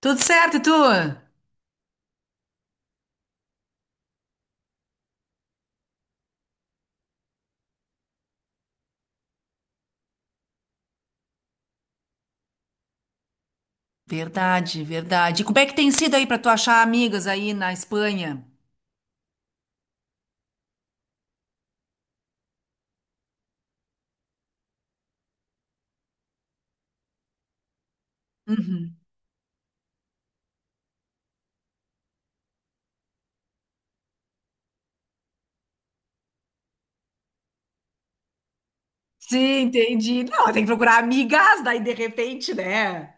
Tudo certo, e tu? Verdade, verdade. E como é que tem sido aí para tu achar amigas aí na Espanha? Uhum. Sim, entendi. Não, tem que procurar amigas, daí de repente, né?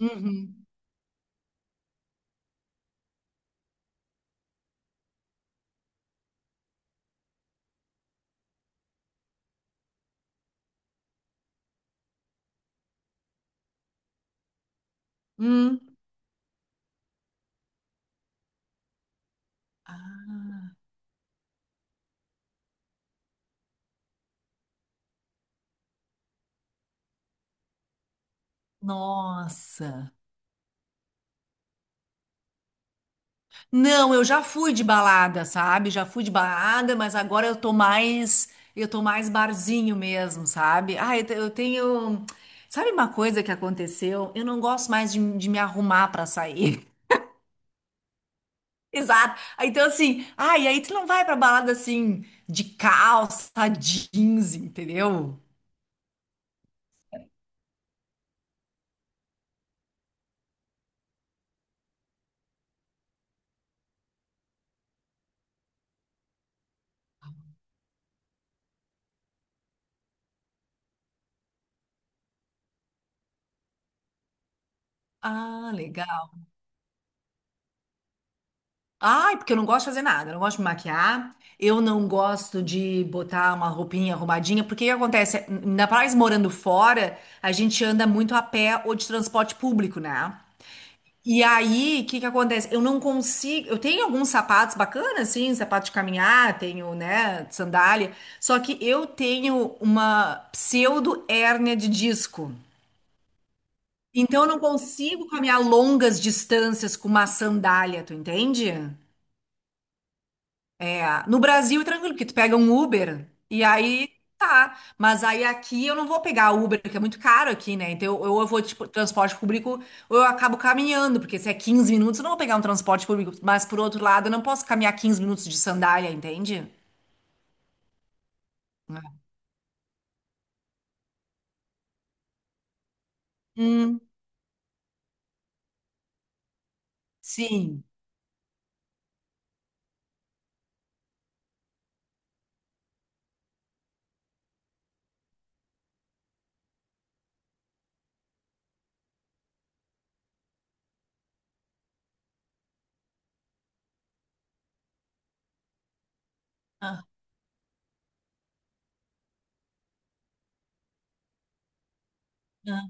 Uhum. Hum. Ah. Nossa. Não, eu já fui de balada, sabe? Já fui de balada, mas agora eu tô mais barzinho mesmo, sabe? Ah, eu tenho, sabe uma coisa que aconteceu? Eu não gosto mais de me arrumar para sair. Exato. Aí, então, assim, ah, e aí tu não vai pra balada assim, de calça, jeans, entendeu? Ah, legal. Ai, porque eu não gosto de fazer nada, eu não gosto de me maquiar, eu não gosto de botar uma roupinha arrumadinha, porque o que acontece? Ainda mais morando fora, a gente anda muito a pé ou de transporte público, né? E aí, o que que acontece? Eu não consigo. Eu tenho alguns sapatos bacanas, assim, sapato de caminhar, tenho, né, sandália. Só que eu tenho uma pseudo hérnia de disco. Então eu não consigo caminhar longas distâncias com uma sandália, tu entende? É, no Brasil, é tranquilo, porque tu pega um Uber e aí tá. Mas aí aqui eu não vou pegar Uber, que é muito caro aqui, né? Então eu, ou eu vou tipo, transporte público ou eu acabo caminhando, porque se é 15 minutos, eu não vou pegar um transporte público. Mas por outro lado, eu não posso caminhar 15 minutos de sandália, entende? Hum, sim. Ah, ah.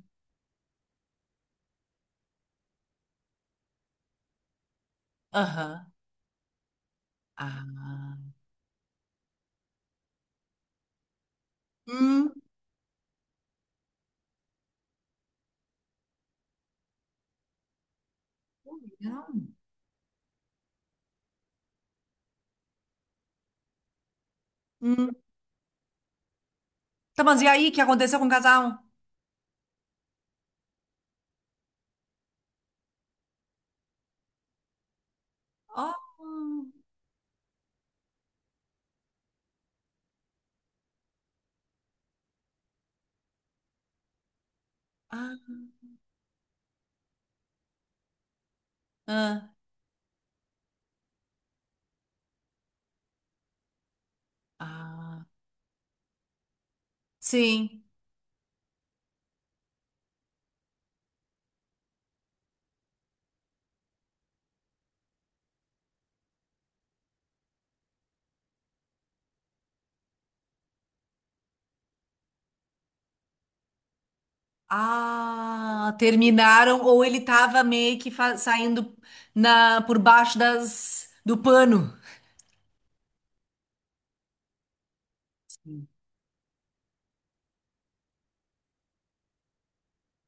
Aham. Ah. Hum, legal. Hum. Tá, mas e aí, o que aconteceu com o casal? Oh, ah, ah, ah. Sim. Ah, terminaram ou ele tava meio que saindo na por baixo das do pano. Sim.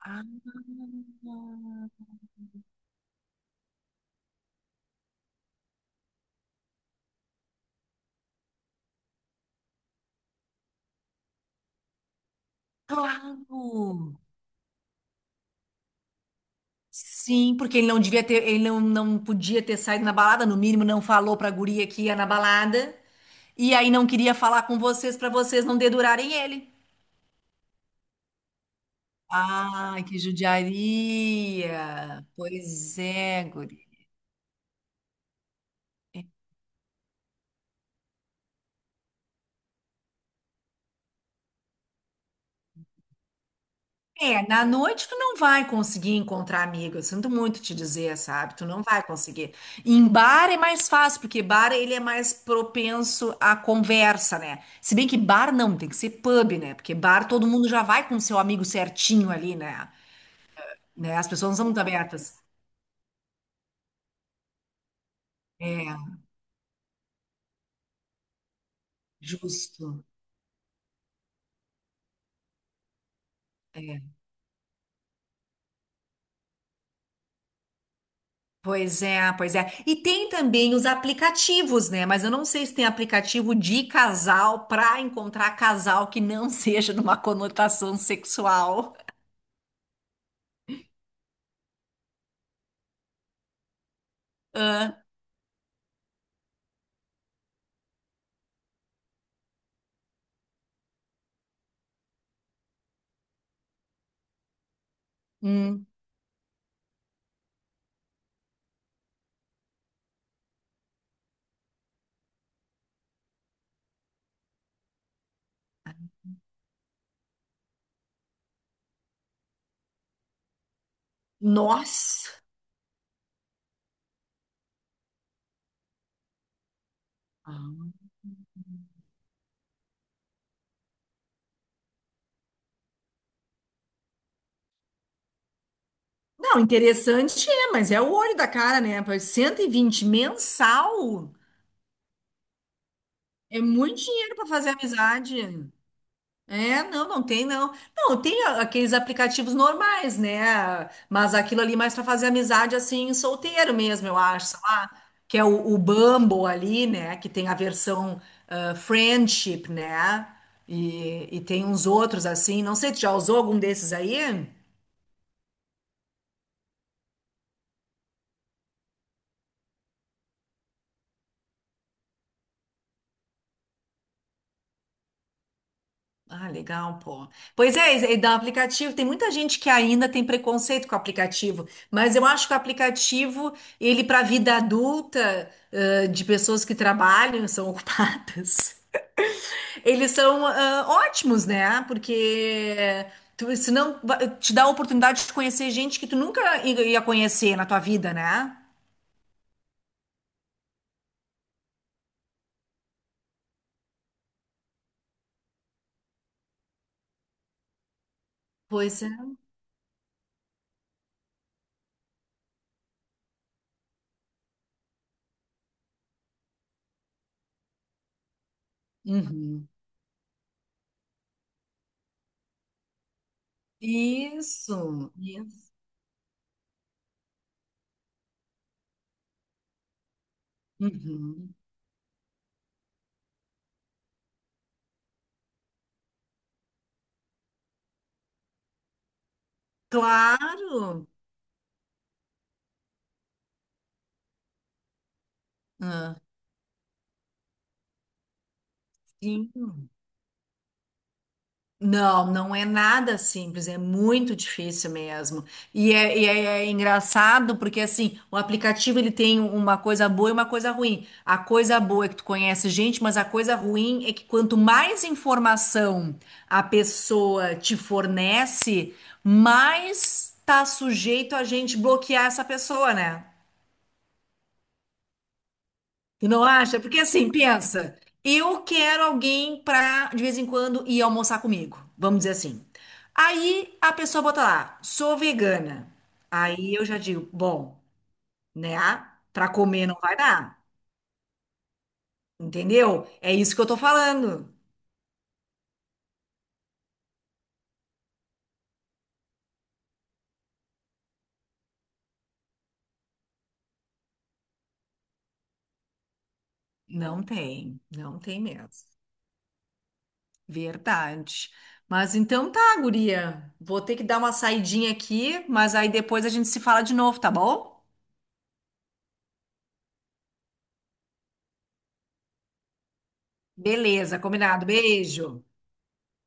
Ah, claro. Sim, porque ele não devia ter, ele não, não podia ter saído na balada, no mínimo não falou pra guria que ia na balada, e aí não queria falar com vocês pra vocês não dedurarem ele. Ai, que judiaria. Pois é, guria. É, na noite tu não vai conseguir encontrar amigo. Eu sinto muito te dizer, sabe? Tu não vai conseguir. Em bar é mais fácil, porque bar ele é mais propenso à conversa, né? Se bem que bar não, tem que ser pub, né? Porque bar todo mundo já vai com seu amigo certinho ali, né? Né? As pessoas não são muito abertas. É, justo. É. Pois é, pois é. E tem também os aplicativos, né? Mas eu não sei se tem aplicativo de casal para encontrar casal que não seja numa conotação sexual. Ah, hum, nossa! Ah. Não, interessante é, mas é o olho da cara, né? Pois 120 mensal é muito dinheiro para fazer amizade. É, não, não tem não. Não, tem aqueles aplicativos normais, né? Mas aquilo ali mais para fazer amizade assim, solteiro mesmo, eu acho, sei lá, que é o Bumble ali, né? Que tem a versão ah, friendship, né? E tem uns outros assim. Não sei, tu já usou algum desses aí? Ah, legal, pô. Pois é, e da aplicativo, tem muita gente que ainda tem preconceito com o aplicativo, mas eu acho que o aplicativo, ele para a vida adulta, de pessoas que trabalham, são ocupadas, eles são, ótimos, né? Porque tu, senão te dá a oportunidade de conhecer gente que tu nunca ia conhecer na tua vida, né? Pois é. Uhum. Isso, isso. Uhum. Claro. Ah, sim. Não, não é nada simples, é muito difícil mesmo. E é, é engraçado porque assim, o aplicativo ele tem uma coisa boa e uma coisa ruim. A coisa boa é que tu conhece gente, mas a coisa ruim é que quanto mais informação a pessoa te fornece, mais tá sujeito a gente bloquear essa pessoa, né? Tu não acha? Porque assim, pensa, eu quero alguém pra de vez em quando ir almoçar comigo, vamos dizer assim. Aí a pessoa bota lá, sou vegana. Aí eu já digo, bom, né? Pra comer não vai dar, entendeu? É isso que eu tô falando. Não tem, não tem mesmo. Verdade. Mas então tá, guria. Vou ter que dar uma saidinha aqui, mas aí depois a gente se fala de novo, tá bom? Beleza, combinado. Beijo.